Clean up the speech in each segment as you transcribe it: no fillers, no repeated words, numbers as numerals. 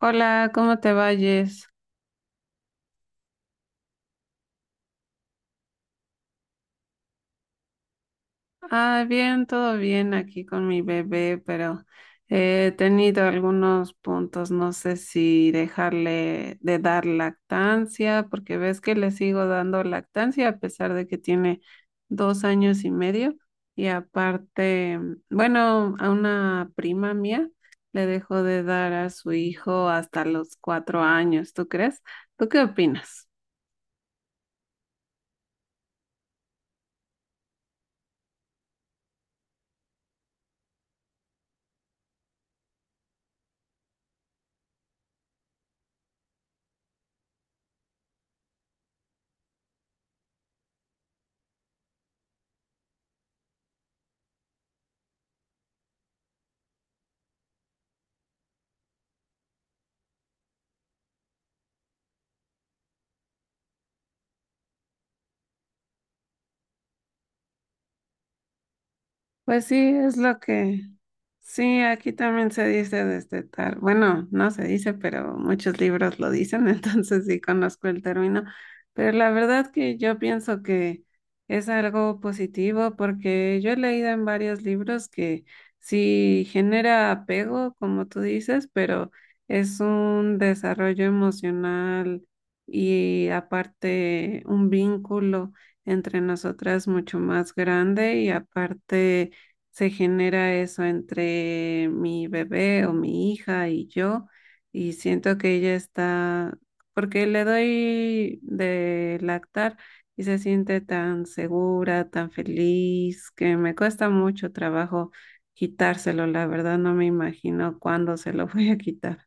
Hola, ¿cómo te vayas? Ah, bien, todo bien aquí con mi bebé, pero he tenido algunos puntos, no sé si dejarle de dar lactancia, porque ves que le sigo dando lactancia a pesar de que tiene 2 años y medio. Y aparte, bueno, a una prima mía le dejó de dar a su hijo hasta los 4 años, ¿tú crees? ¿Tú qué opinas? Pues sí, es lo que sí, aquí también se dice destetar. Bueno, no se dice, pero muchos libros lo dicen, entonces sí conozco el término. Pero la verdad que yo pienso que es algo positivo porque yo he leído en varios libros que sí genera apego, como tú dices, pero es un desarrollo emocional y aparte un vínculo entre nosotras mucho más grande y aparte se genera eso entre mi bebé o mi hija y yo, y siento que ella está, porque le doy de lactar y se siente tan segura, tan feliz, que me cuesta mucho trabajo quitárselo. La verdad no me imagino cuándo se lo voy a quitar.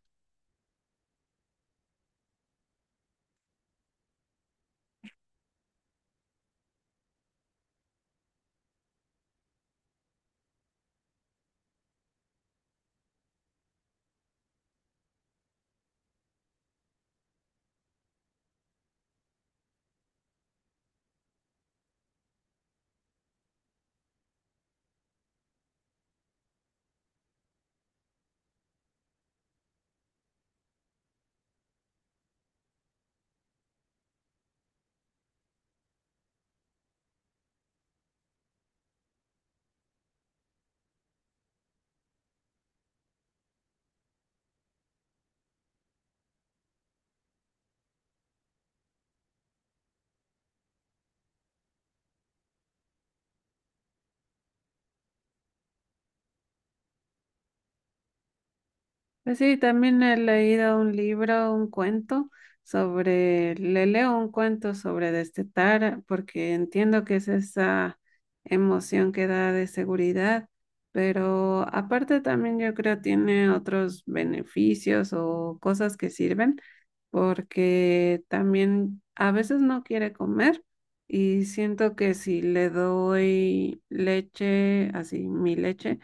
Pues sí, también he leído un libro, un cuento sobre, le leo un cuento sobre destetar, porque entiendo que es esa emoción que da de seguridad, pero aparte también yo creo tiene otros beneficios o cosas que sirven porque también a veces no quiere comer y siento que si le doy leche, así mi leche,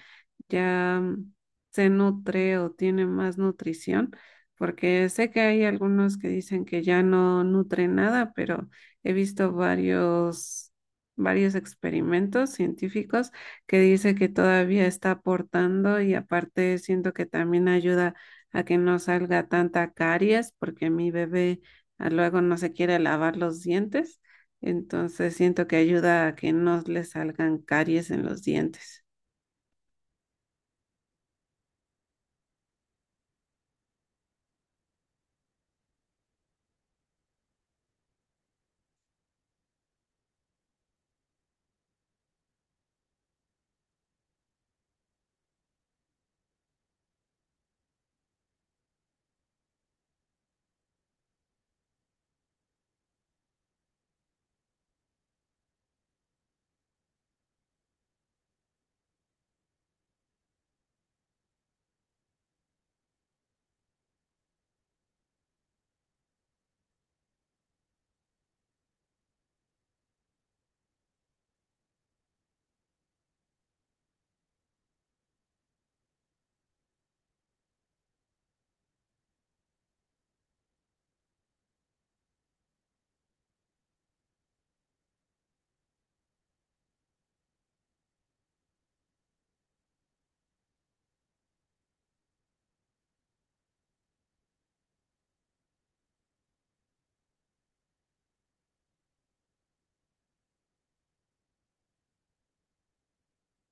ya se nutre o tiene más nutrición, porque sé que hay algunos que dicen que ya no nutre nada, pero he visto varios... varios experimentos científicos que dice que todavía está aportando y aparte siento que también ayuda a que no salga tanta caries, porque mi bebé luego no se quiere lavar los dientes. Entonces siento que ayuda a que no le salgan caries en los dientes.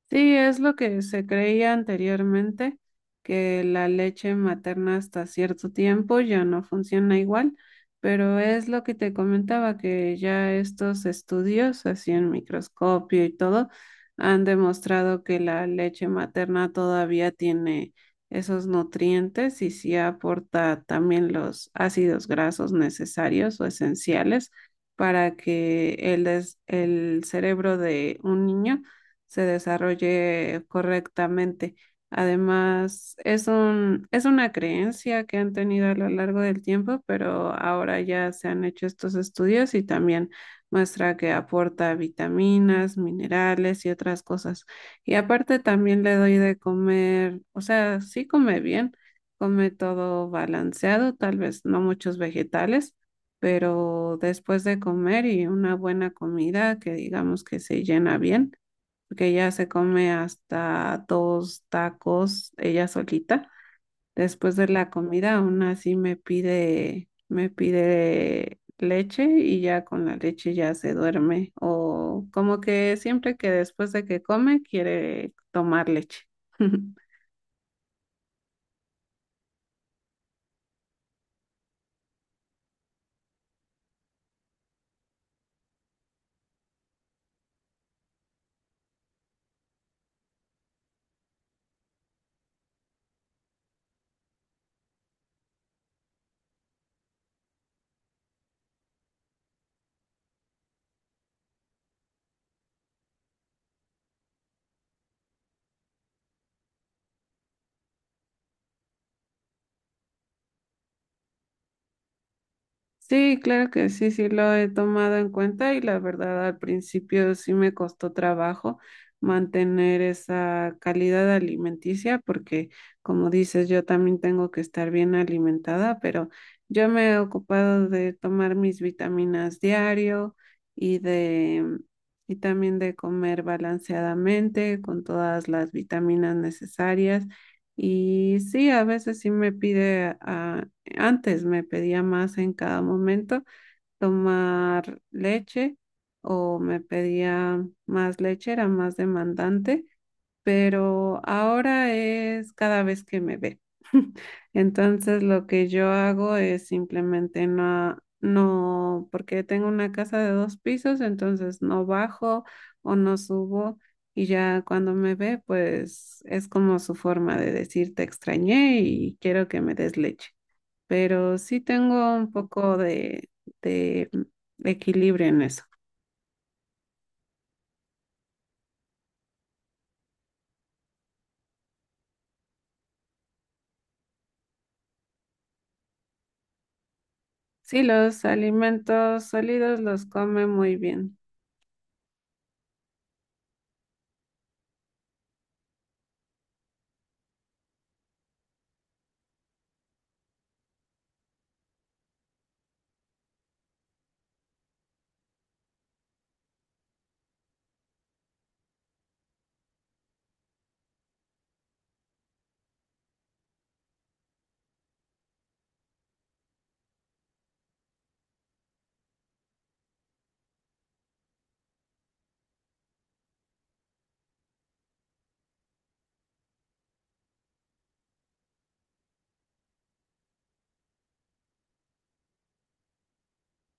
Sí, es lo que se creía anteriormente, que la leche materna hasta cierto tiempo ya no funciona igual, pero es lo que te comentaba, que ya estos estudios, así en microscopio y todo, han demostrado que la leche materna todavía tiene esos nutrientes y sí aporta también los ácidos grasos necesarios o esenciales para que el cerebro de un niño se desarrolle correctamente. Además, es una creencia que han tenido a lo largo del tiempo, pero ahora ya se han hecho estos estudios y también muestra que aporta vitaminas, minerales y otras cosas. Y aparte también le doy de comer, o sea, sí come bien, come todo balanceado, tal vez no muchos vegetales, pero después de comer y una buena comida que digamos que se llena bien porque ella se come hasta 2 tacos ella solita. Después de la comida, aún así me pide leche y ya con la leche ya se duerme. O como que siempre que después de que come quiere tomar leche. Sí, claro que sí, sí lo he tomado en cuenta y la verdad al principio sí me costó trabajo mantener esa calidad alimenticia porque como dices yo también tengo que estar bien alimentada, pero yo me he ocupado de tomar mis vitaminas diario y de y también de comer balanceadamente con todas las vitaminas necesarias. Y sí, a veces sí me pide antes me pedía más en cada momento tomar leche o me pedía más leche, era más demandante, pero ahora es cada vez que me ve. Entonces lo que yo hago es simplemente no, no, porque tengo una casa de 2 pisos, entonces no bajo o no subo, y ya cuando me ve, pues es como su forma de decir te extrañé y quiero que me des leche, pero sí tengo un poco de equilibrio en eso. Sí, los alimentos sólidos los come muy bien.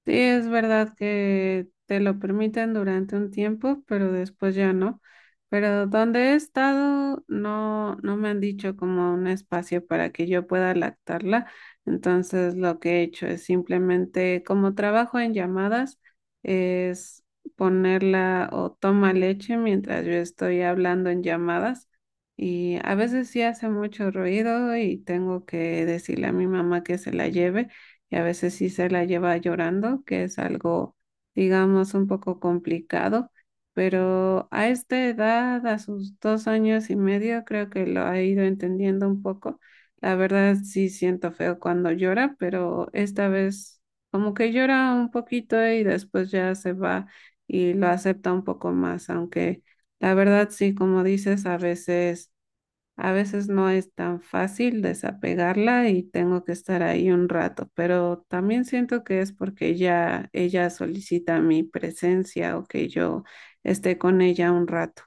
Sí, es verdad que te lo permiten durante un tiempo, pero después ya no. Pero donde he estado, no, no me han dicho como un espacio para que yo pueda lactarla. Entonces, lo que he hecho es simplemente, como trabajo en llamadas, es ponerla o toma leche mientras yo estoy hablando en llamadas. Y a veces sí hace mucho ruido y tengo que decirle a mi mamá que se la lleve, y a veces sí se la lleva llorando, que es algo, digamos, un poco complicado, pero a esta edad, a sus 2 años y medio, creo que lo ha ido entendiendo un poco. La verdad sí siento feo cuando llora, pero esta vez como que llora un poquito y después ya se va y lo acepta un poco más, aunque la verdad sí, como dices, a veces no es tan fácil desapegarla y tengo que estar ahí un rato, pero también siento que es porque ya ella solicita mi presencia o que yo esté con ella un rato.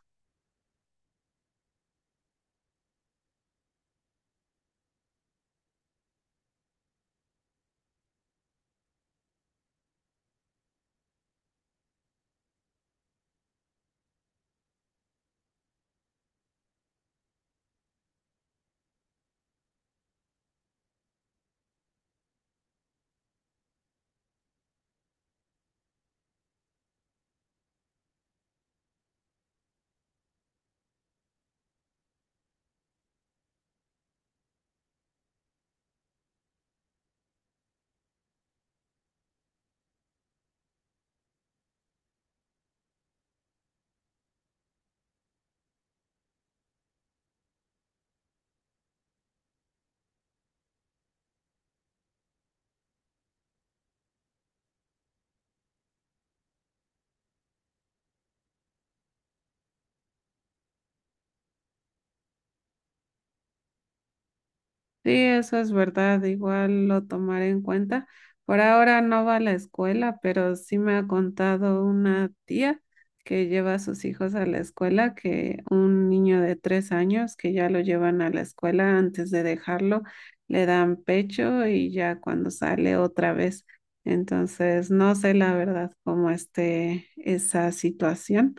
Sí, eso es verdad, igual lo tomaré en cuenta. Por ahora no va a la escuela, pero sí me ha contado una tía que lleva a sus hijos a la escuela, que un niño de 3 años que ya lo llevan a la escuela antes de dejarlo, le dan pecho y ya cuando sale otra vez. Entonces, no sé la verdad cómo esté esa situación,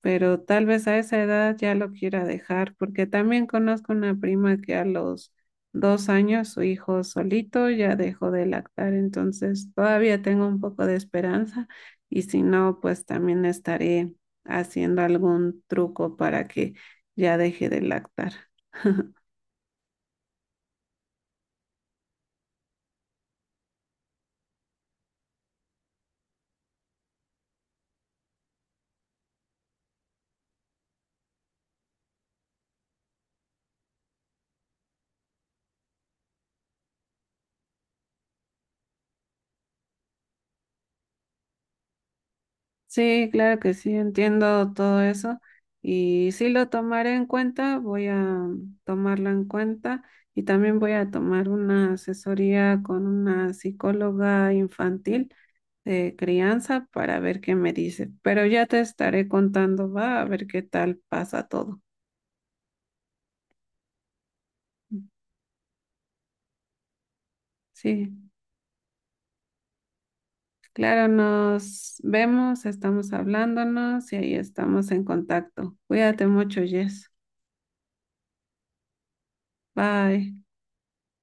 pero tal vez a esa edad ya lo quiera dejar, porque también conozco una prima que a los 2 años su hijo solito ya dejó de lactar, entonces todavía tengo un poco de esperanza, y si no, pues también estaré haciendo algún truco para que ya deje de lactar. Sí, claro que sí, entiendo todo eso y sí lo tomaré en cuenta, voy a tomarlo en cuenta y también voy a tomar una asesoría con una psicóloga infantil de crianza para ver qué me dice, pero ya te estaré contando, va a ver qué tal pasa todo. Sí, claro, nos vemos, estamos hablándonos y ahí estamos en contacto. Cuídate mucho, Jess. Bye.